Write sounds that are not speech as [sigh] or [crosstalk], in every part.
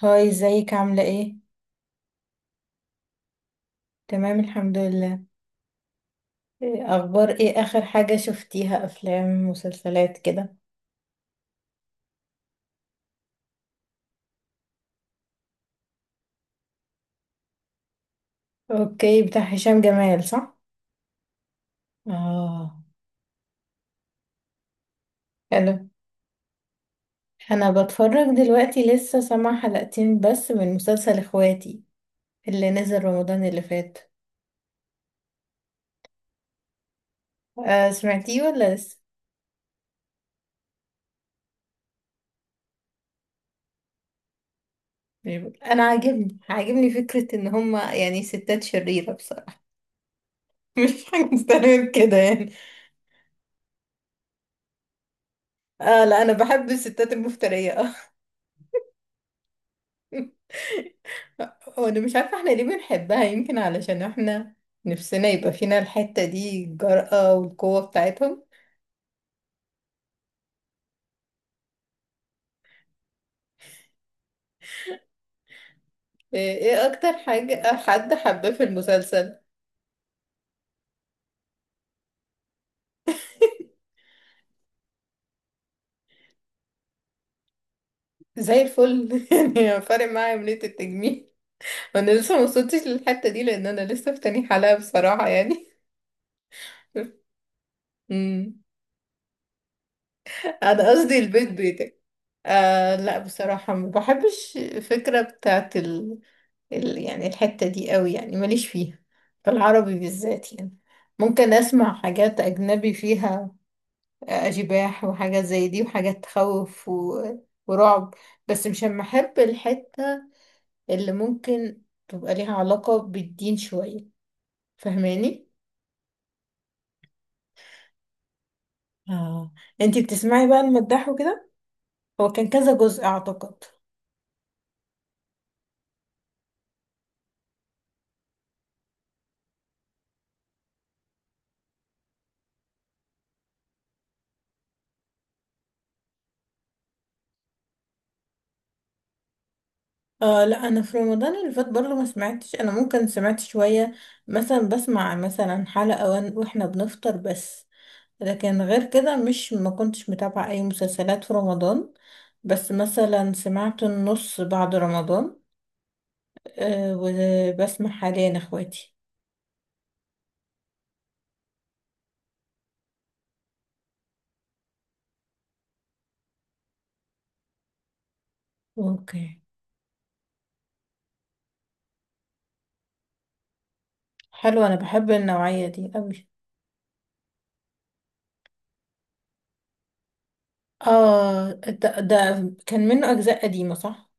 هاي، ازيك عاملة ايه؟ تمام، الحمد لله. إيه اخبار، ايه اخر حاجة شفتيها؟ افلام مسلسلات كده؟ اوكي، بتاع هشام جمال صح؟ اه. حلو. انا بتفرج دلوقتي، لسه سامعة حلقتين بس من مسلسل اخواتي اللي نزل رمضان اللي فات. آه، سمعتيه ولا لسه؟ مش ب- انا عاجبني فكرة ان هما يعني ستات شريرة بصراحة. [laughs] مش حاجة مستنية كده يعني. اه لا، انا بحب الستات المفترية. [laughs] اه. وانا مش عارفة احنا ليه بنحبها، يمكن علشان احنا نفسنا يبقى فينا الحتة دي، الجرأة والقوة بتاعتهم. ايه اكتر حاجة حد حباه في المسلسل؟ [laughs] زي الفل. [laughs] يعني فارق معايا عملية التجميل؟ انا لسه ما وصلتش للحتة دي لان انا لسه في تاني حلقة بصراحة يعني. [laughs] أمم. انا قصدي البيت بيتك. آه لا، بصراحة ما بحبش الفكرة بتاعت يعني الحتة دي قوي، يعني ماليش فيها في العربي بالذات يعني. ممكن اسمع حاجات اجنبي فيها، اشباح وحاجات زي دي وحاجات تخوف ورعب. بس مش اما احب الحتة اللي ممكن تبقى ليها علاقة بالدين شوية. فاهماني؟ اه. انتي بتسمعي بقى المداح وكده؟ هو كان كذا جزء اعتقد. آه لا، انا في رمضان اللي فات برضه ما سمعتش. انا ممكن سمعت شوية، مثلا بسمع مثلا حلقة، واحنا بنفطر بس. لكن غير كده مش ما كنتش متابعة اي مسلسلات في رمضان. بس مثلا سمعت النص بعد رمضان. وبسمع حاليا اخواتي. اوكي، حلو. انا بحب النوعية دي قوي. اه، ده كان منه اجزاء قديمة صح؟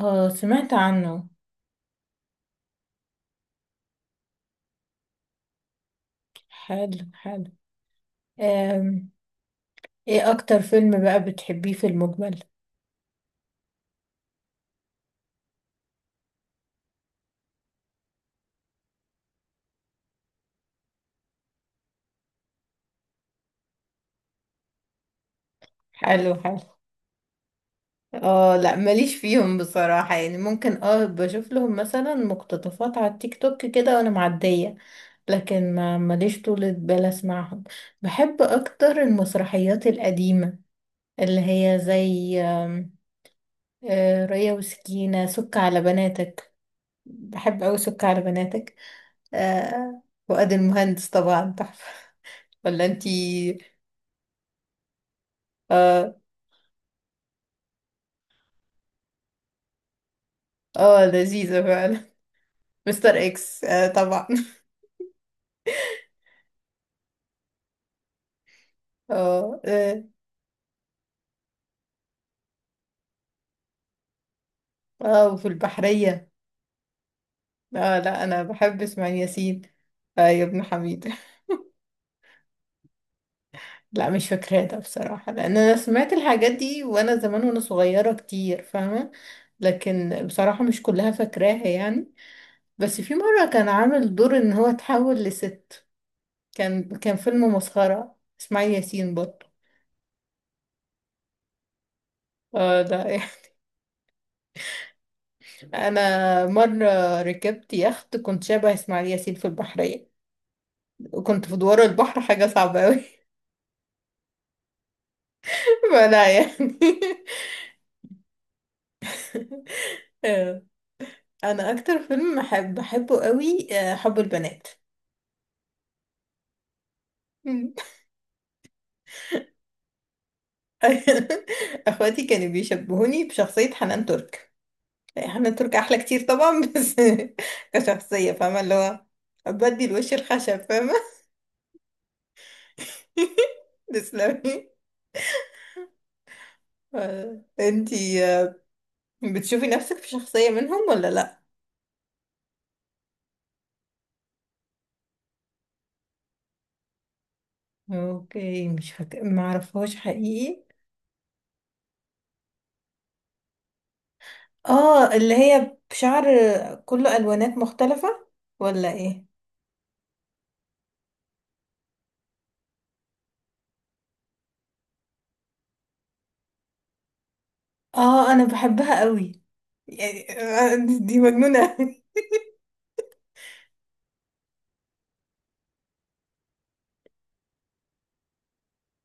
اه، سمعت عنه. حلو حلو. آم، ايه اكتر فيلم بقى بتحبيه في المجمل؟ حلو حلو. اه لا، ماليش فيهم بصراحة يعني، ممكن بشوف لهم مثلا مقتطفات على التيك توك كده وانا معدية. لكن ما ماليش طولة بال اسمعهم. بحب اكتر المسرحيات القديمة، اللي هي زي آم، آه، ريا وسكينة، سك على بناتك. بحب اوي سك على بناتك. فؤاد المهندس طبعا تحفة. [laughs] ولا انتي؟ اه اه، لذيذة فعلا. [laughs] مستر اكس، آه طبعا. [laughs] اه اه. وفي البحرية. اه لا، انا بحب اسماعيل ياسين. آه يا ابن حميد. [laughs] لا مش فاكراه ده بصراحة، لان انا سمعت الحاجات دي وانا زمان وانا صغيرة كتير فاهمة. لكن بصراحة مش كلها فاكراها يعني. بس في مرة كان عامل دور ان هو اتحول لست. كان فيلم مسخرة اسماعيل ياسين برضه. اه ده. [laughs] انا مرة ركبت يخت، كنت شبه اسماعيل ياسين في البحرية، وكنت في دوار البحر، حاجة صعبة اوي. [laughs] فلا يعني. [laughs] انا اكتر فيلم بحبه قوي، حب البنات. مم. [laughs] اخواتي كانوا بيشبهوني بشخصية حنان ترك، يعني حنان ترك احلى كتير طبعا بس. [laughs] كشخصية، فاهمة اللي هو بدي الوش الخشب، فاهمة؟ [laughs] تسلمي. انتي بتشوفي نفسك في شخصية منهم ولا لا؟ اوكي، مش فاكرة، ما اعرفهاش حقيقي. اه، اللي هي بشعر كله الوانات مختلفة ولا ايه؟ اه انا بحبها قوي، يعني دي مجنونة.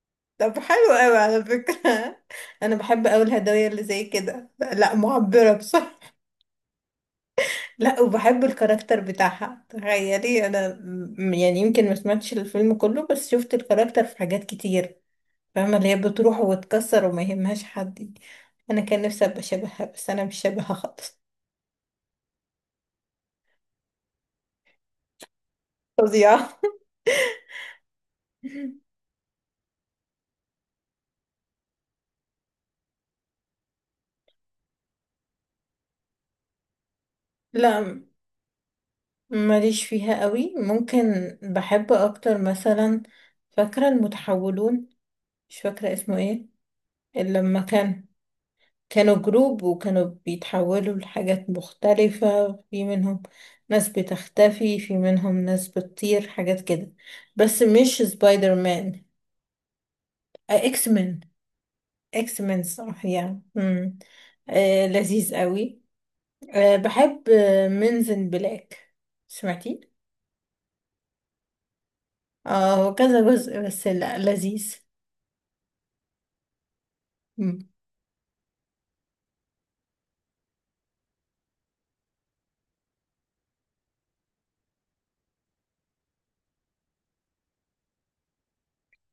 [laughs] طب حلو قوي على فكرة. [laughs] أنا بحب أوي الهدايا اللي زي كده، لا معبرة بصراحة. لا، وبحب الكاركتر بتاعها، تخيلي أنا يعني يمكن ما سمعتش الفيلم كله بس شفت الكاركتر في حاجات كتير. فاهمة اللي هي بتروح وتكسر وما يهمهاش حد. أنا كان نفسي أبقى شبهها بس أنا مش شبهها خالص. فظيعة. [laughs] لا ماليش فيها قوي، ممكن بحب أكتر مثلا. فاكرة المتحولون؟ مش فاكرة اسمه ايه، اللي لما كانوا جروب وكانوا بيتحولوا لحاجات مختلفة، في منهم ناس بتختفي، في منهم ناس بتطير، حاجات كده. بس مش سبايدر مان، اكس مان. اكس مان صح يعني، مم. آه، لذيذ قوي. آه، بحب منزن بلاك. سمعتي؟ اه هو كذا جزء، بس لا لذيذ. مم.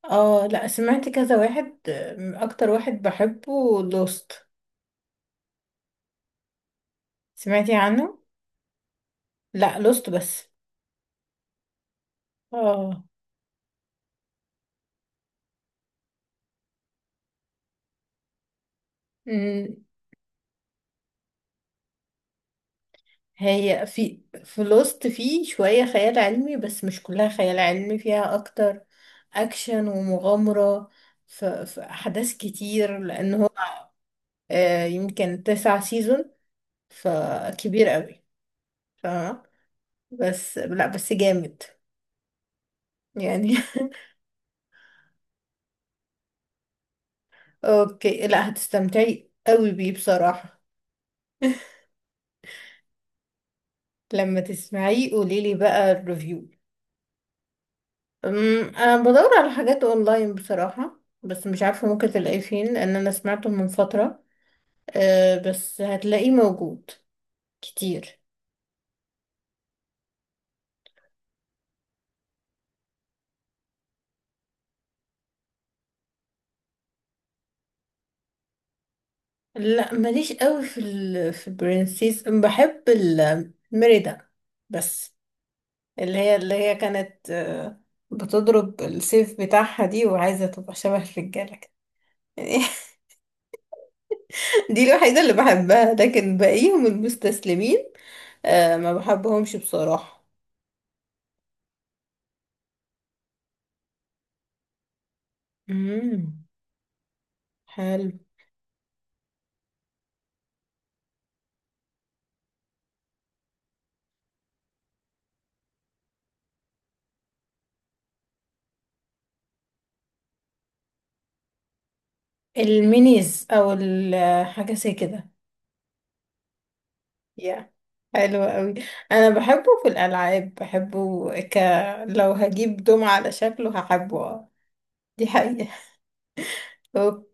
اه لا، سمعت كذا واحد، اكتر واحد بحبه لوست. سمعتي عنه؟ لا، لوست بس. اه. امم هي في في لوست في شوية خيال علمي بس مش كلها خيال علمي، فيها أكتر أكشن ومغامرة. في أحداث كتير لأن هو يمكن 9 سيزون، فكبير قوي، فاهمة. بس لا، بس جامد يعني. [laughs] أوكي، لا هتستمتعي قوي بيه بصراحة. [laughs] لما تسمعيه قوليلي بقى الريفيو. انا بدور على حاجات اونلاين بصراحة بس مش عارفة ممكن تلاقيه فين، لان انا سمعته من فترة. أه، بس هتلاقيه موجود كتير. لا ماليش قوي في في برنسيس. بحب الميريدا بس، اللي هي كانت بتضرب السيف بتاعها دي وعايزة تبقى شبه الرجالة كده يعني. [laughs] دي الوحيدة اللي بحبها، لكن باقيهم المستسلمين، أه ما بحبهمش بصراحة. امم حلو. المينيز او حاجه زي كده. يا، حلو قوي. انا بحبه في الالعاب، بحبه لو هجيب دمعة على شكله هحبه. دي حقيقه. أوه.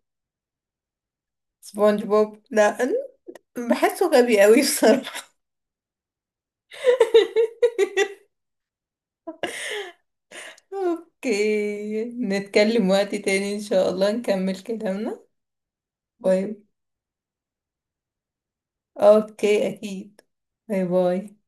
سبونج بوب لا، بحسه غبي قوي بصراحه. [laughs] اوكي، نتكلم وقت تاني ان شاء الله، نكمل كلامنا. باي. اوكي اكيد. باي باي.